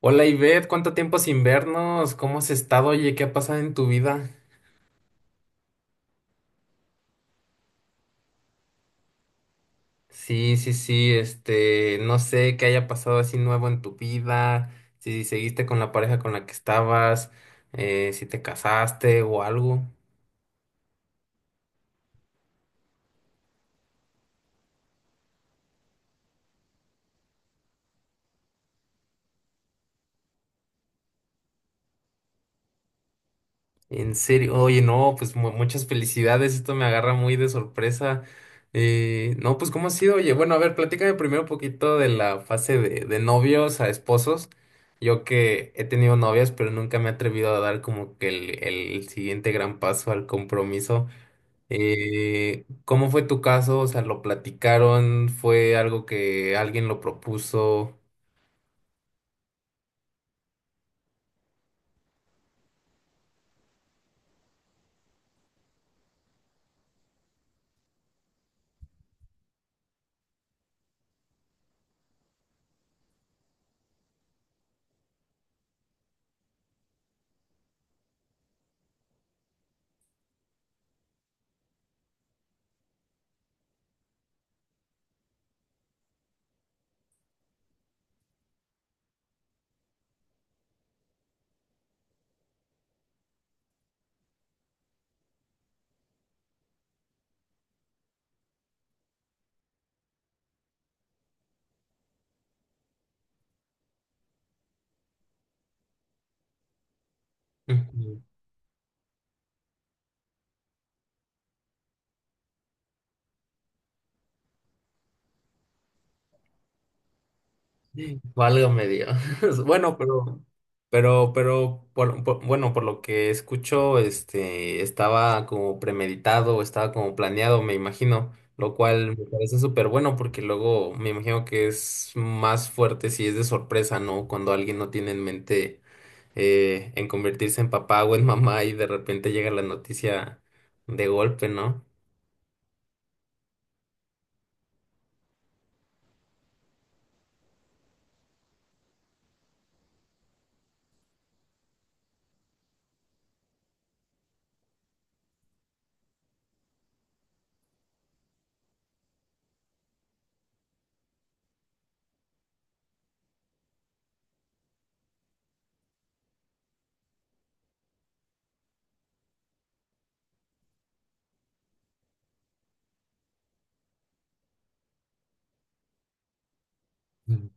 Hola Ivette, ¿cuánto tiempo sin vernos? ¿Cómo has estado? Oye, ¿qué ha pasado en tu vida? Sí, sí, sí, no sé qué haya pasado así nuevo en tu vida, si seguiste con la pareja con la que estabas, si te casaste o algo. En serio, oye, no, pues muchas felicidades, esto me agarra muy de sorpresa. No, pues ¿cómo ha sido? Oye, bueno, a ver, platícame primero un poquito de la fase de novios a esposos. Yo que he tenido novias, pero nunca me he atrevido a dar como que el siguiente gran paso al compromiso. ¿Cómo fue tu caso? O sea, ¿lo platicaron? ¿Fue algo que alguien lo propuso? Ujú. Válgame Dios. Bueno, bueno, por lo que escucho, estaba como premeditado, estaba como planeado, me imagino, lo cual me parece súper bueno porque luego me imagino que es más fuerte si es de sorpresa, ¿no? Cuando alguien no tiene en mente en convertirse en papá o en mamá y de repente llega la noticia de golpe, ¿no? Mm.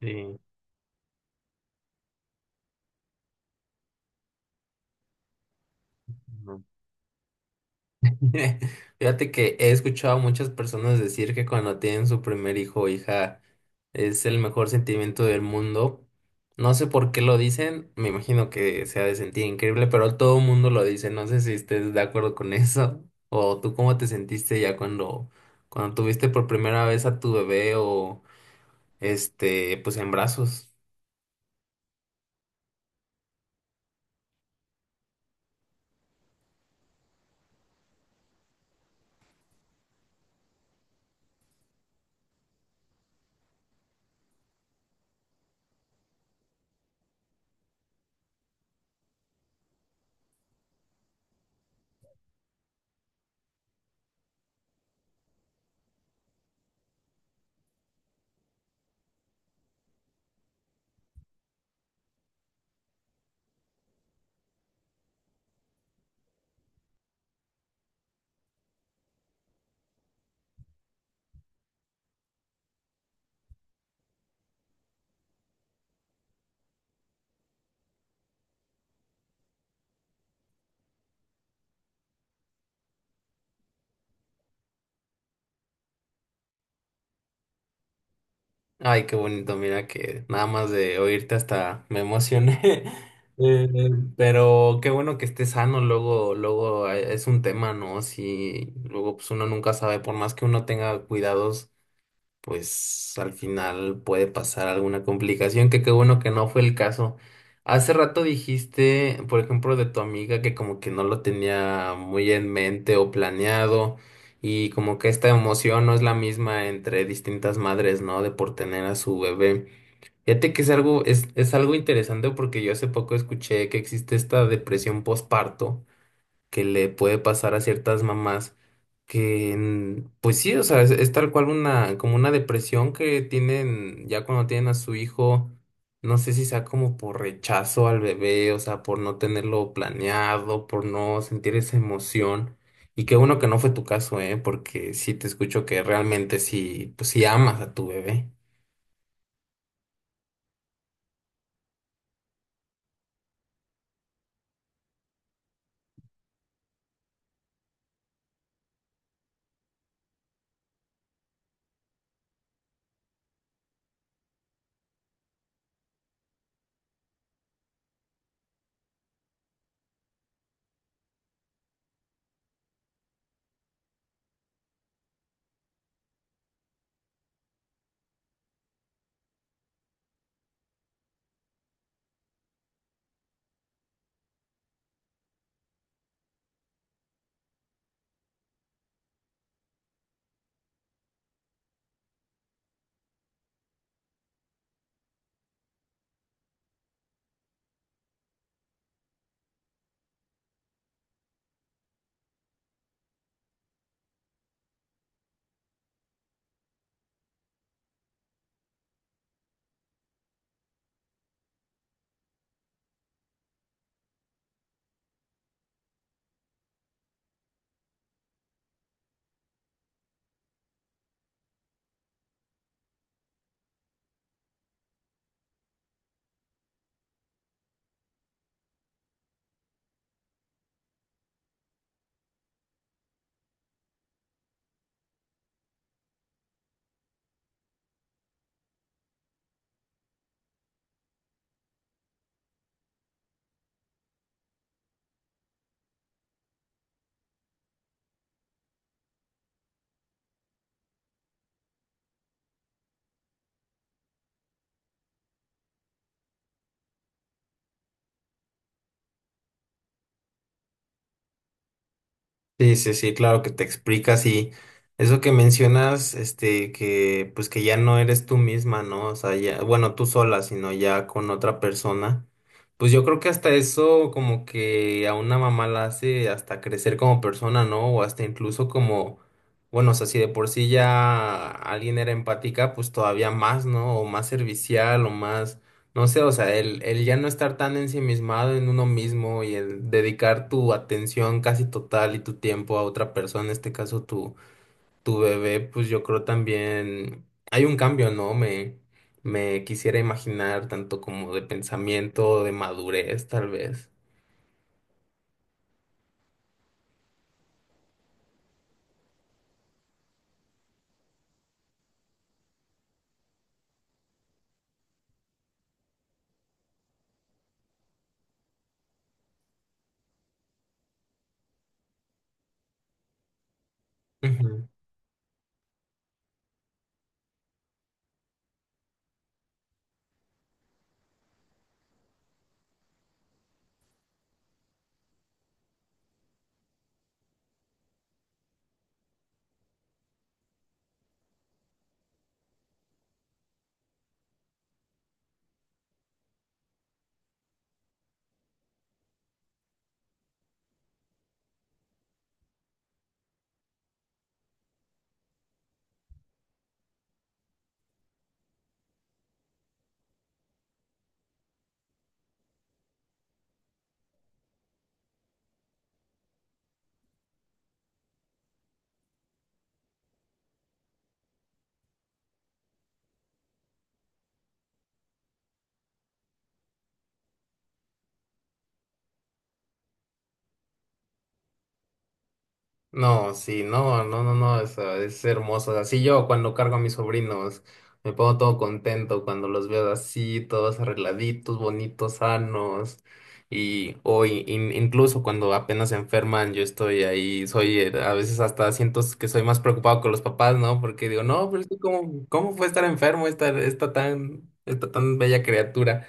Sí. No. Fíjate que he escuchado a muchas personas decir que cuando tienen su primer hijo o hija es el mejor sentimiento del mundo. No sé por qué lo dicen, me imagino que se ha de sentir increíble, pero todo el mundo lo dice. No sé si estés de acuerdo con eso o tú cómo te sentiste ya cuando tuviste por primera vez a tu bebé o pues en brazos. Ay, qué bonito, mira que nada más de oírte hasta me emocioné. Eh, pero qué bueno que esté sano, luego, luego es un tema, ¿no? Si luego pues uno nunca sabe, por más que uno tenga cuidados pues al final puede pasar alguna complicación, que qué bueno que no fue el caso. Hace rato dijiste, por ejemplo, de tu amiga que como que no lo tenía muy en mente o planeado y como que esta emoción no es la misma entre distintas madres, ¿no? De por tener a su bebé. Fíjate que es algo, es algo interesante porque yo hace poco escuché que existe esta depresión postparto que le puede pasar a ciertas mamás que pues sí, o sea, es tal cual una, como una depresión que tienen ya cuando tienen a su hijo, no sé si sea como por rechazo al bebé, o sea, por no tenerlo planeado, por no sentir esa emoción. Y qué bueno que no fue tu caso, ¿eh? Porque sí te escucho que realmente sí, pues sí amas a tu bebé. Sí, sí, sí, claro que te explicas y eso que mencionas, que pues que ya no eres tú misma, ¿no? O sea, ya, bueno, tú sola, sino ya con otra persona. Pues yo creo que hasta eso como que a una mamá la hace hasta crecer como persona, ¿no? O hasta incluso como, bueno, o sea, si de por sí ya alguien era empática, pues todavía más, ¿no? O más servicial o más no sé, o sea, el ya no estar tan ensimismado en uno mismo y el dedicar tu atención casi total y tu tiempo a otra persona, en este caso tu bebé, pues yo creo también hay un cambio, ¿no? Me quisiera imaginar tanto como de pensamiento, de madurez, tal vez. No, sí, no, no, no, no, es, ah, es hermoso. Así yo cuando cargo a mis sobrinos, me pongo todo contento cuando los veo así, todos arregladitos, bonitos, sanos. Y hoy, incluso cuando apenas se enferman, yo estoy ahí, soy, a veces hasta siento que soy más preocupado que los papás, ¿no? Porque digo, no, pero es que cómo, cómo puede estar enfermo esta, esta tan bella criatura.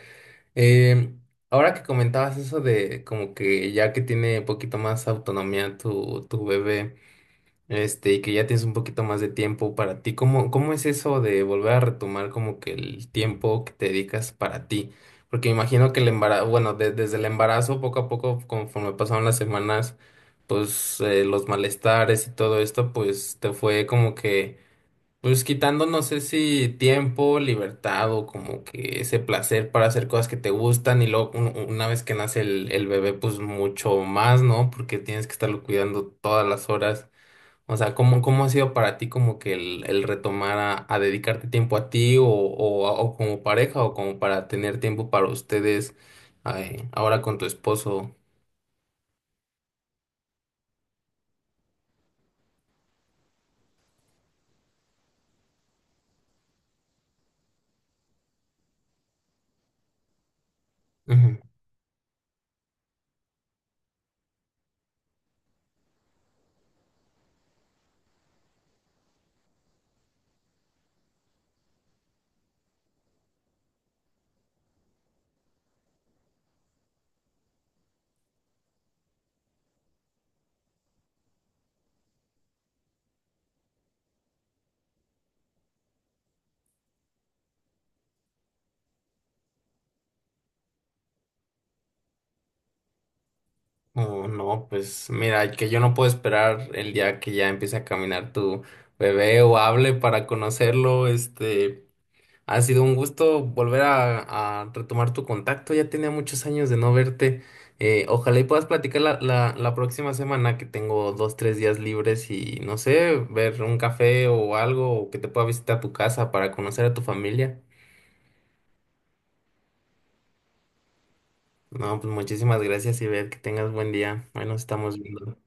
Eh, Ahora que comentabas eso de como que ya que tiene poquito más autonomía tu bebé. Y que ya tienes un poquito más de tiempo para ti. ¿Cómo, cómo es eso de volver a retomar como que el tiempo que te dedicas para ti? Porque me imagino que el embarazo, bueno, desde el embarazo, poco a poco, conforme pasaron las semanas, pues los malestares y todo esto, pues te fue como que, pues quitando, no sé si tiempo, libertad o como que ese placer para hacer cosas que te gustan. Y luego una vez que nace el bebé, pues mucho más, ¿no? Porque tienes que estarlo cuidando todas las horas. O sea, ¿cómo, cómo ha sido para ti como que el retomar a dedicarte tiempo a ti o como pareja o como para tener tiempo para ustedes ay, ahora con tu esposo? Ujú. Oh, no, pues mira, que yo no puedo esperar el día que ya empiece a caminar tu bebé o hable para conocerlo, ha sido un gusto volver a retomar tu contacto. Ya tenía muchos años de no verte. Ojalá y puedas platicar la próxima semana que tengo dos, tres días libres y no sé, ver un café o algo o que te pueda visitar tu casa para conocer a tu familia. No, pues muchísimas gracias y ver que tengas buen día. Bueno, estamos viendo.